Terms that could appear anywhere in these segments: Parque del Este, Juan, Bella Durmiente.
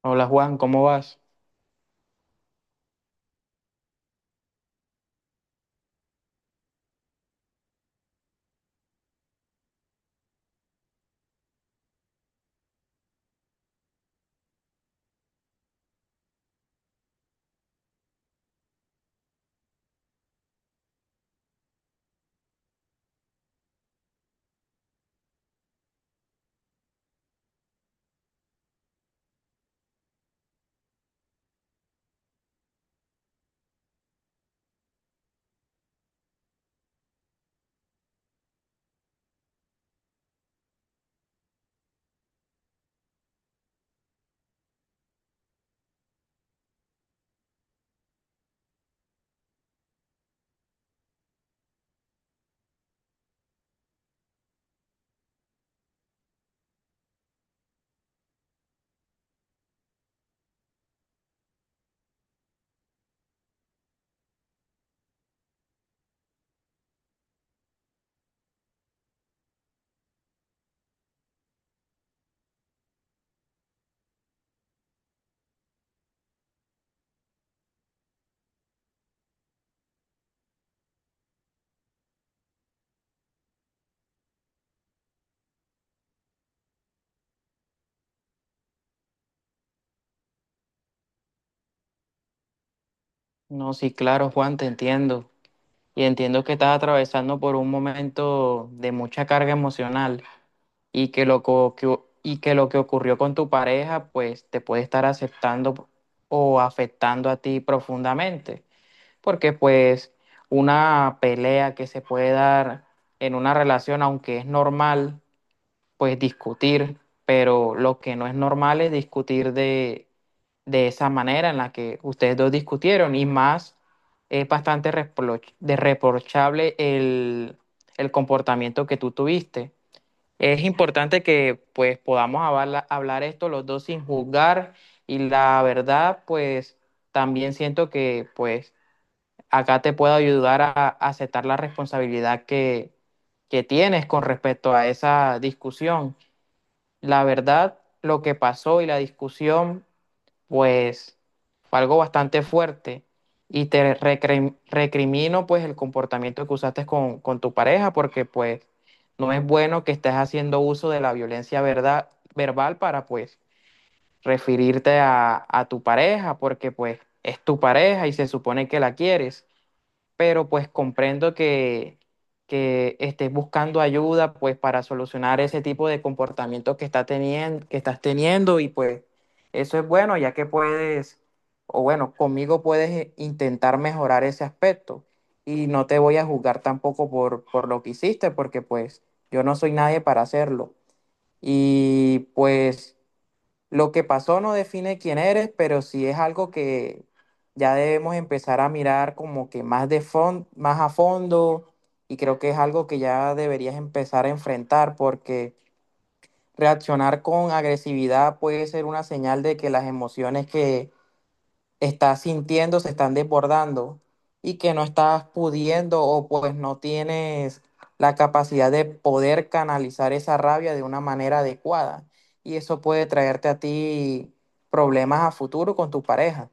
Hola Juan, ¿cómo vas? No, sí, claro, Juan, te entiendo. Y entiendo que estás atravesando por un momento de mucha carga emocional y que lo que ocurrió con tu pareja, pues te puede estar aceptando o afectando a ti profundamente. Porque pues una pelea que se puede dar en una relación, aunque es normal, pues discutir, pero lo que no es normal es discutir de esa manera en la que ustedes dos discutieron, y más es bastante reproch- de reprochable el comportamiento que tú tuviste. Es importante que pues podamos hablar, hablar esto los dos sin juzgar, y la verdad pues también siento que pues acá te puedo ayudar a aceptar la responsabilidad que tienes con respecto a esa discusión. La verdad, lo que pasó y la discusión, pues fue algo bastante fuerte, y te recrimino pues el comportamiento que usaste con tu pareja, porque pues no es bueno que estés haciendo uso de la violencia, verdad, verbal, para pues referirte a tu pareja, porque pues es tu pareja y se supone que la quieres. Pero pues comprendo que estés buscando ayuda pues para solucionar ese tipo de comportamiento que está teniendo, que estás teniendo, y pues eso es bueno, ya que puedes, o bueno, conmigo puedes intentar mejorar ese aspecto. Y no te voy a juzgar tampoco por lo que hiciste, porque pues yo no soy nadie para hacerlo, y pues... Lo que pasó no define quién eres, pero sí es algo que ya debemos empezar a mirar como que más a fondo, y creo que es algo que ya deberías empezar a enfrentar, porque reaccionar con agresividad puede ser una señal de que las emociones que estás sintiendo se están desbordando, y que no estás pudiendo, o pues no tienes la capacidad de poder canalizar esa rabia de una manera adecuada. Y eso puede traerte a ti problemas a futuro con tu pareja.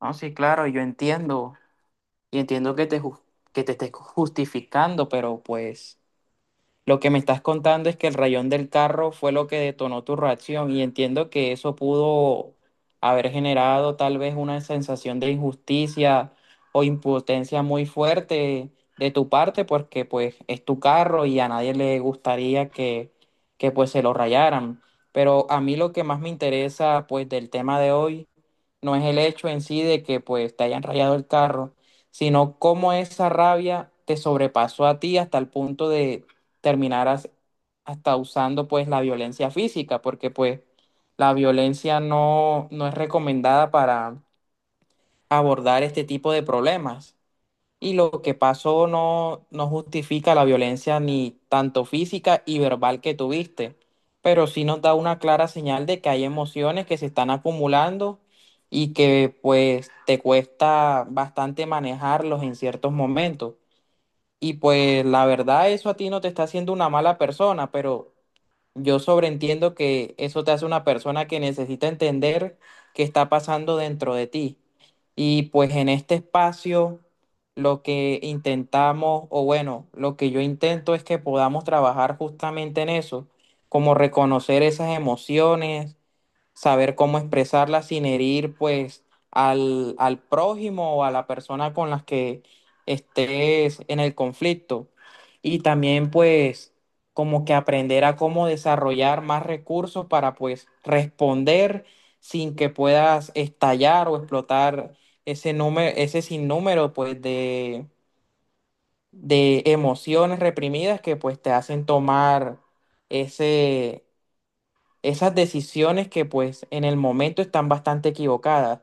No, sí, claro, yo entiendo. Y entiendo que que te estés justificando, pero pues... Lo que me estás contando es que el rayón del carro fue lo que detonó tu reacción, y entiendo que eso pudo haber generado tal vez una sensación de injusticia o impotencia muy fuerte de tu parte, porque pues es tu carro y a nadie le gustaría que pues se lo rayaran. Pero a mí lo que más me interesa pues del tema de hoy no es el hecho en sí de que pues te hayan rayado el carro, sino cómo esa rabia te sobrepasó a ti hasta el punto de terminar as- hasta usando pues la violencia física, porque pues la violencia no es recomendada para abordar este tipo de problemas, y lo que pasó no justifica la violencia ni tanto física y verbal que tuviste, pero sí nos da una clara señal de que hay emociones que se están acumulando y que pues te cuesta bastante manejarlos en ciertos momentos. Y pues la verdad eso a ti no te está haciendo una mala persona, pero yo sobreentiendo que eso te hace una persona que necesita entender qué está pasando dentro de ti. Y pues en este espacio lo que intentamos, o bueno, lo que yo intento, es que podamos trabajar justamente en eso, como reconocer esas emociones, saber cómo expresarla sin herir pues al prójimo o a la persona con las que estés en el conflicto. Y también pues como que aprender a cómo desarrollar más recursos para pues responder sin que puedas estallar o explotar ese número, ese sinnúmero pues de emociones reprimidas que pues te hacen tomar ese esas decisiones que pues en el momento están bastante equivocadas.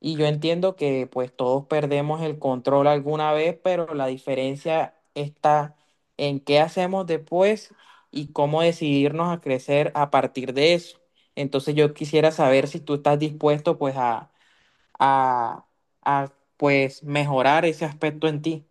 Y yo entiendo que pues todos perdemos el control alguna vez, pero la diferencia está en qué hacemos después y cómo decidirnos a crecer a partir de eso. Entonces yo quisiera saber si tú estás dispuesto a, a pues mejorar ese aspecto en ti.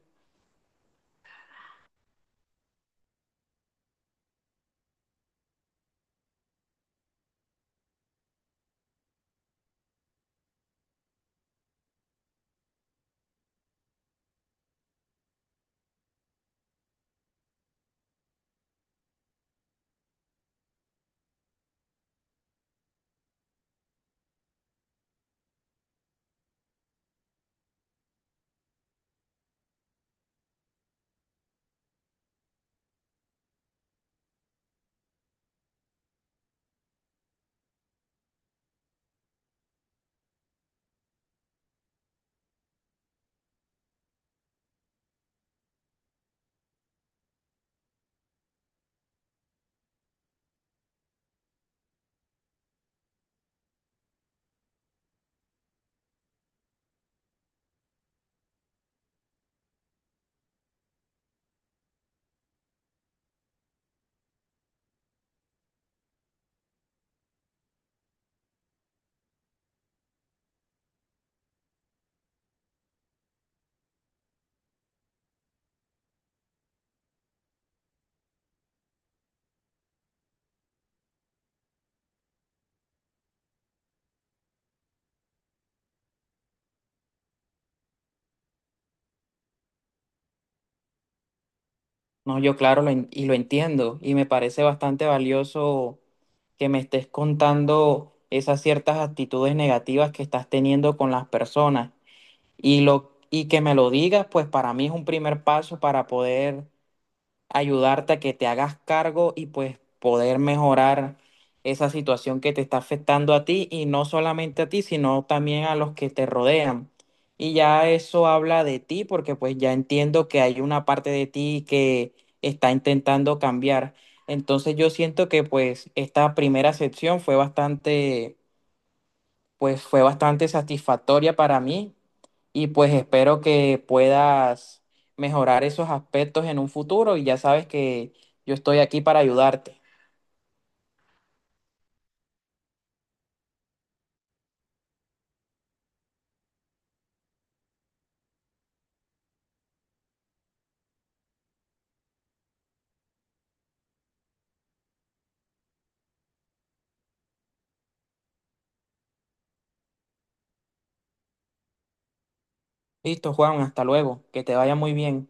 No, yo claro, y lo entiendo, y me parece bastante valioso que me estés contando esas ciertas actitudes negativas que estás teniendo con las personas, y lo y que me lo digas, pues para mí es un primer paso para poder ayudarte a que te hagas cargo y pues poder mejorar esa situación que te está afectando a ti, y no solamente a ti, sino también a los que te rodean. Y ya eso habla de ti, porque pues ya entiendo que hay una parte de ti que está intentando cambiar. Entonces yo siento que pues esta primera sección fue bastante pues fue bastante satisfactoria para mí, y pues espero que puedas mejorar esos aspectos en un futuro, y ya sabes que yo estoy aquí para ayudarte. Listo, Juan, hasta luego, que te vaya muy bien.